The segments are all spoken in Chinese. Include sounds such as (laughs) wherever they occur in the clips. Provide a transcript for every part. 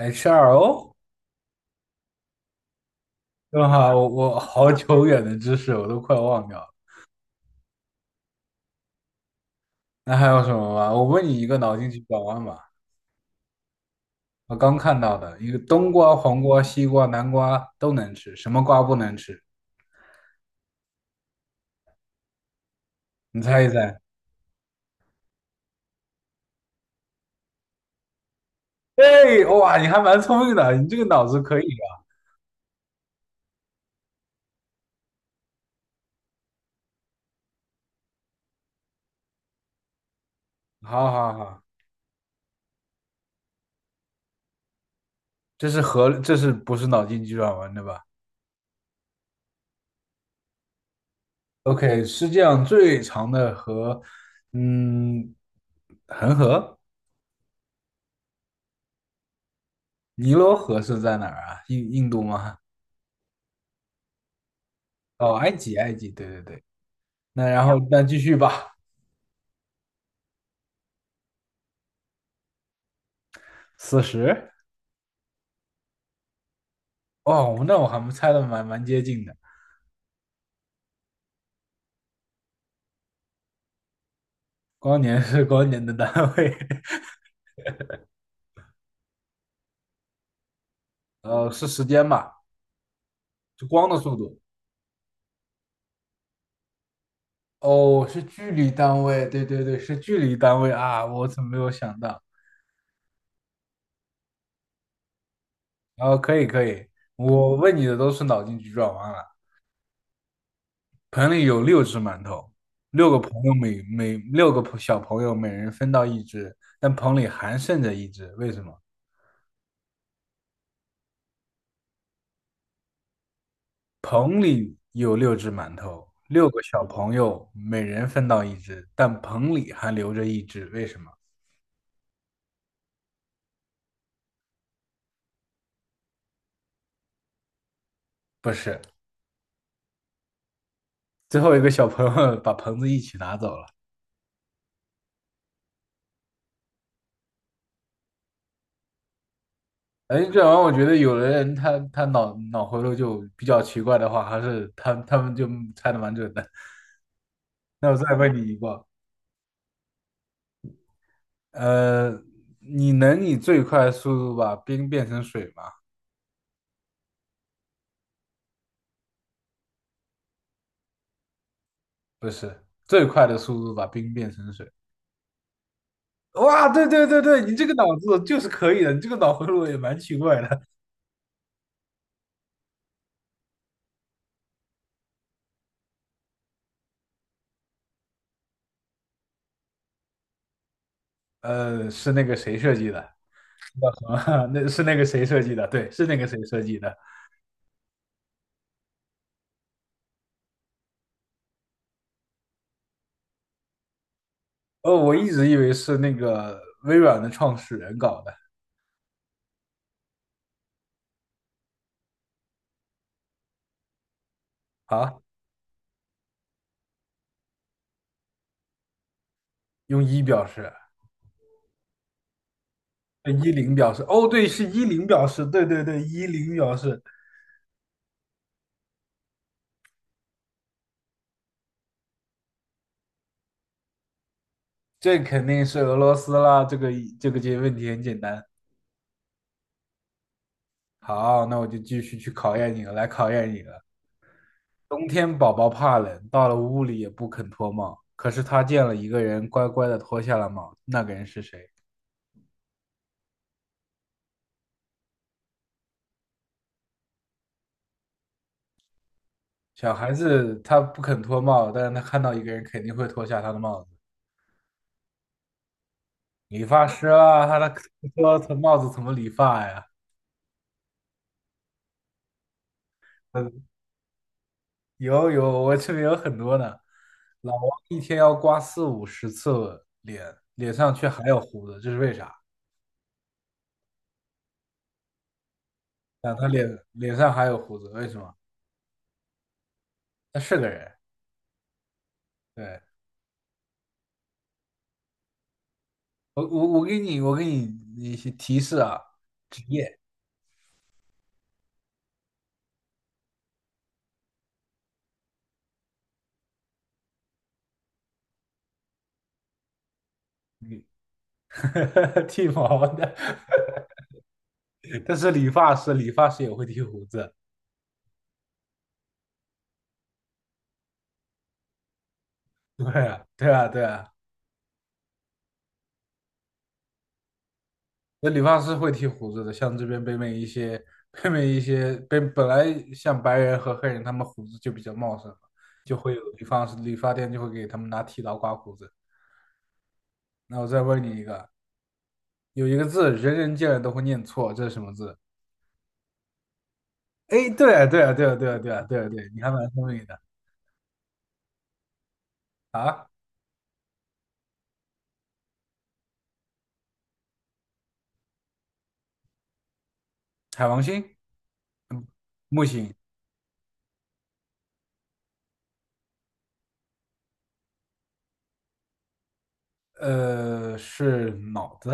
HRO。 正好我好久远的知识我都快忘掉了。那还有什么吗？我问你一个脑筋急转弯吧。我刚看到的一个冬瓜、黄瓜、西瓜、南瓜都能吃，什么瓜不能吃？你猜一猜。哎，哇，你还蛮聪明的，你这个脑子可以啊。好好好。这是不是脑筋急转弯对吧？OK，世界上最长的河，嗯，恒河。尼罗河是在哪儿啊？印度吗？哦，埃及，埃及，对对对。那然后继续吧。四十。哦，那我还没猜的蛮接近的。光年是光年的单位，(laughs) 是时间吧？就光的速度。哦，是距离单位，对对对，是距离单位啊！我怎么没有想到？哦，可以可以，我问你的都是脑筋急转弯了。盆里有六只馒头，六个小朋友每人分到一只，但盆里还剩着一只，为什么？棚里有六只馒头，六个小朋友每人分到一只，但棚里还留着一只，为什么？不是，最后一个小朋友 (laughs) 把棚子一起拿走了。哎，这玩意儿我觉得有的人他脑回路就比较奇怪的话，还是他们就猜的蛮准的。(laughs) 那我再问你一个。呃，你能以最快速度把冰变成水吗？不是，最快的速度把冰变成水。哇，对对对对，你这个脑子就是可以的，你这个脑回路也蛮奇怪的。是那个谁设计的？(laughs) 叫什么？ (laughs) 那是那个谁设计的？对，是那个谁设计的。哦，我一直以为是那个微软的创始人搞的。啊，用一表示。一零表示。哦，对，是一零表示。对对对，一零表示。这肯定是俄罗斯啦。这问题很简单。好，那我就继续去考验你了，来考验你了。冬天宝宝怕冷，到了屋里也不肯脱帽。可是他见了一个人，乖乖的脱下了帽。那个人是谁？小孩子他不肯脱帽，但是他看到一个人，肯定会脱下他的帽子。理发师啊，他脱帽子怎么理发呀？嗯，有，我这边有很多呢。老王一天要刮四五十次脸，脸上却还有胡子，这是为啥？啊，他脸上还有胡子，为什么？他是个人，对。我给你一些提示啊。职业。嗯， (laughs) 剃毛的。(laughs) 但是理发师，理发师也会剃胡子。对啊，对啊，对啊，那理发师会剃胡子的。像这边北美一些北美一些北本来像白人和黑人，他们胡子就比较茂盛嘛，就会有理发店就会给他们拿剃刀刮胡子。那我再问你一个。有一个字人人见了都会念错，这是什么字？哎，对啊，对啊，对啊，对啊，对啊，对啊，对啊，你还蛮聪明的啊。海王星、木星。是脑子。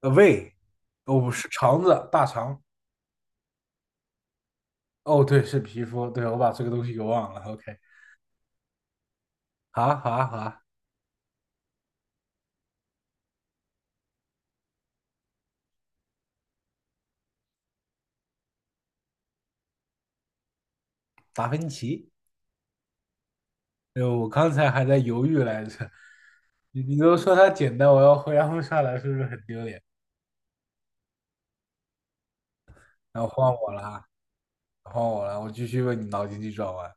胃。哦，不是肠子，大肠。哦，对，是皮肤。对，我把这个东西给忘了。OK。好啊，好啊，好啊。达芬奇。我刚才还在犹豫来着。你都说它简单，我要回答不上来，是不是很丢脸？然后换我了，我继续问你脑筋急转弯。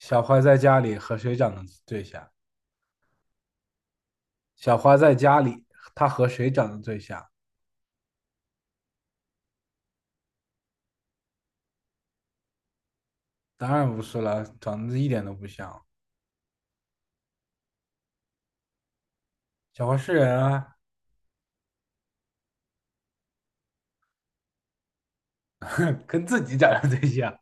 小花在家里和谁长得最像？小花在家里，她和谁长得最像？当然不是了，长得一点都不像。小黄是人啊。(laughs) 跟自己长得最像。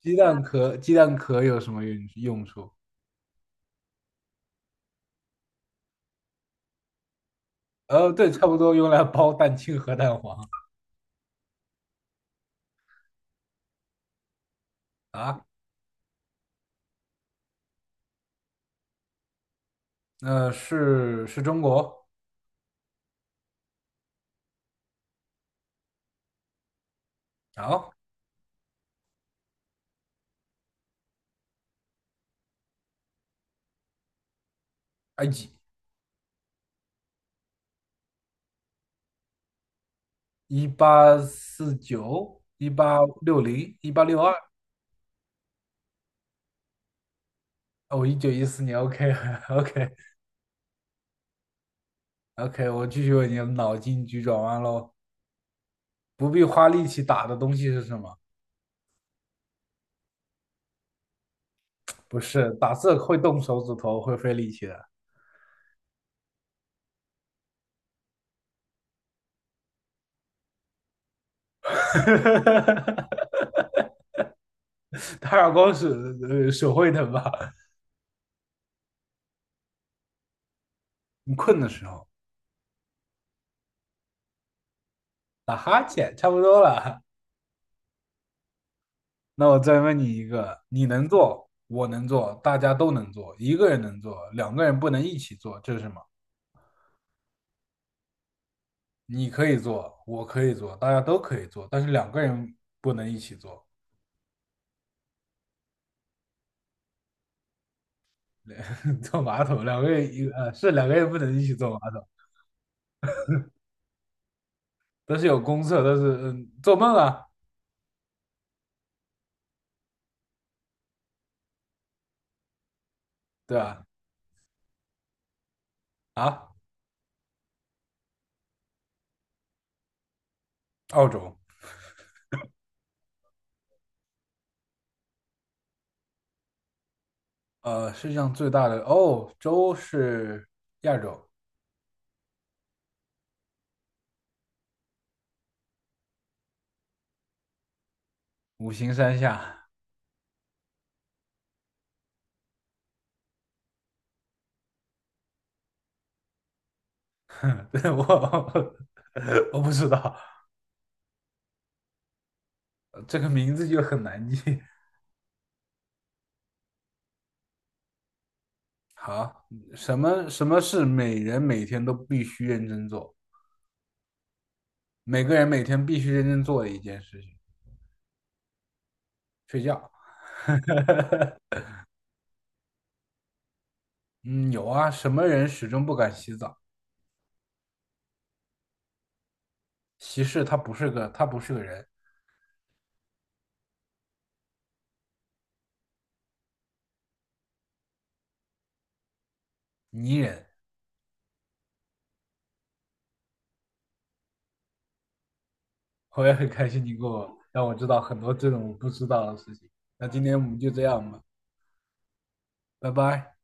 鸡蛋壳有什么用处？对，差不多用来包蛋清和蛋黄啊。是中国。好。埃及。1849、1860、1862。哦，1914年。OK，OK，OK。(laughs) 我继续为你的脑筋急转弯喽。不必花力气打的东西是什么？不是打字会动手指头，会费力气的。(laughs) 打耳光是手会疼吧？你困的时候打哈欠，差不多了。那我再问你一个。你能做，我能做，大家都能做，一个人能做，两个人不能一起做，这是什么？你可以做，我可以做，大家都可以做，但是两个人不能一起做。(laughs) 坐马桶。两个人不能一起坐马桶，但是有公厕。但是做梦啊，对吧？啊，澳洲。世界上最大的洲是亚洲。五行山下。(laughs) 对，我 (laughs) 我不知道。这个名字就很难记。(laughs) 好。什么是每人每天都必须认真做，每个人每天必须认真做的一件事情？睡觉。嗯，有啊，什么人始终不敢洗澡？其实他不是个，他不是个人，泥人。我也很开心你给我让我知道很多这种我不知道的事情。那今天我们就这样吧，拜拜。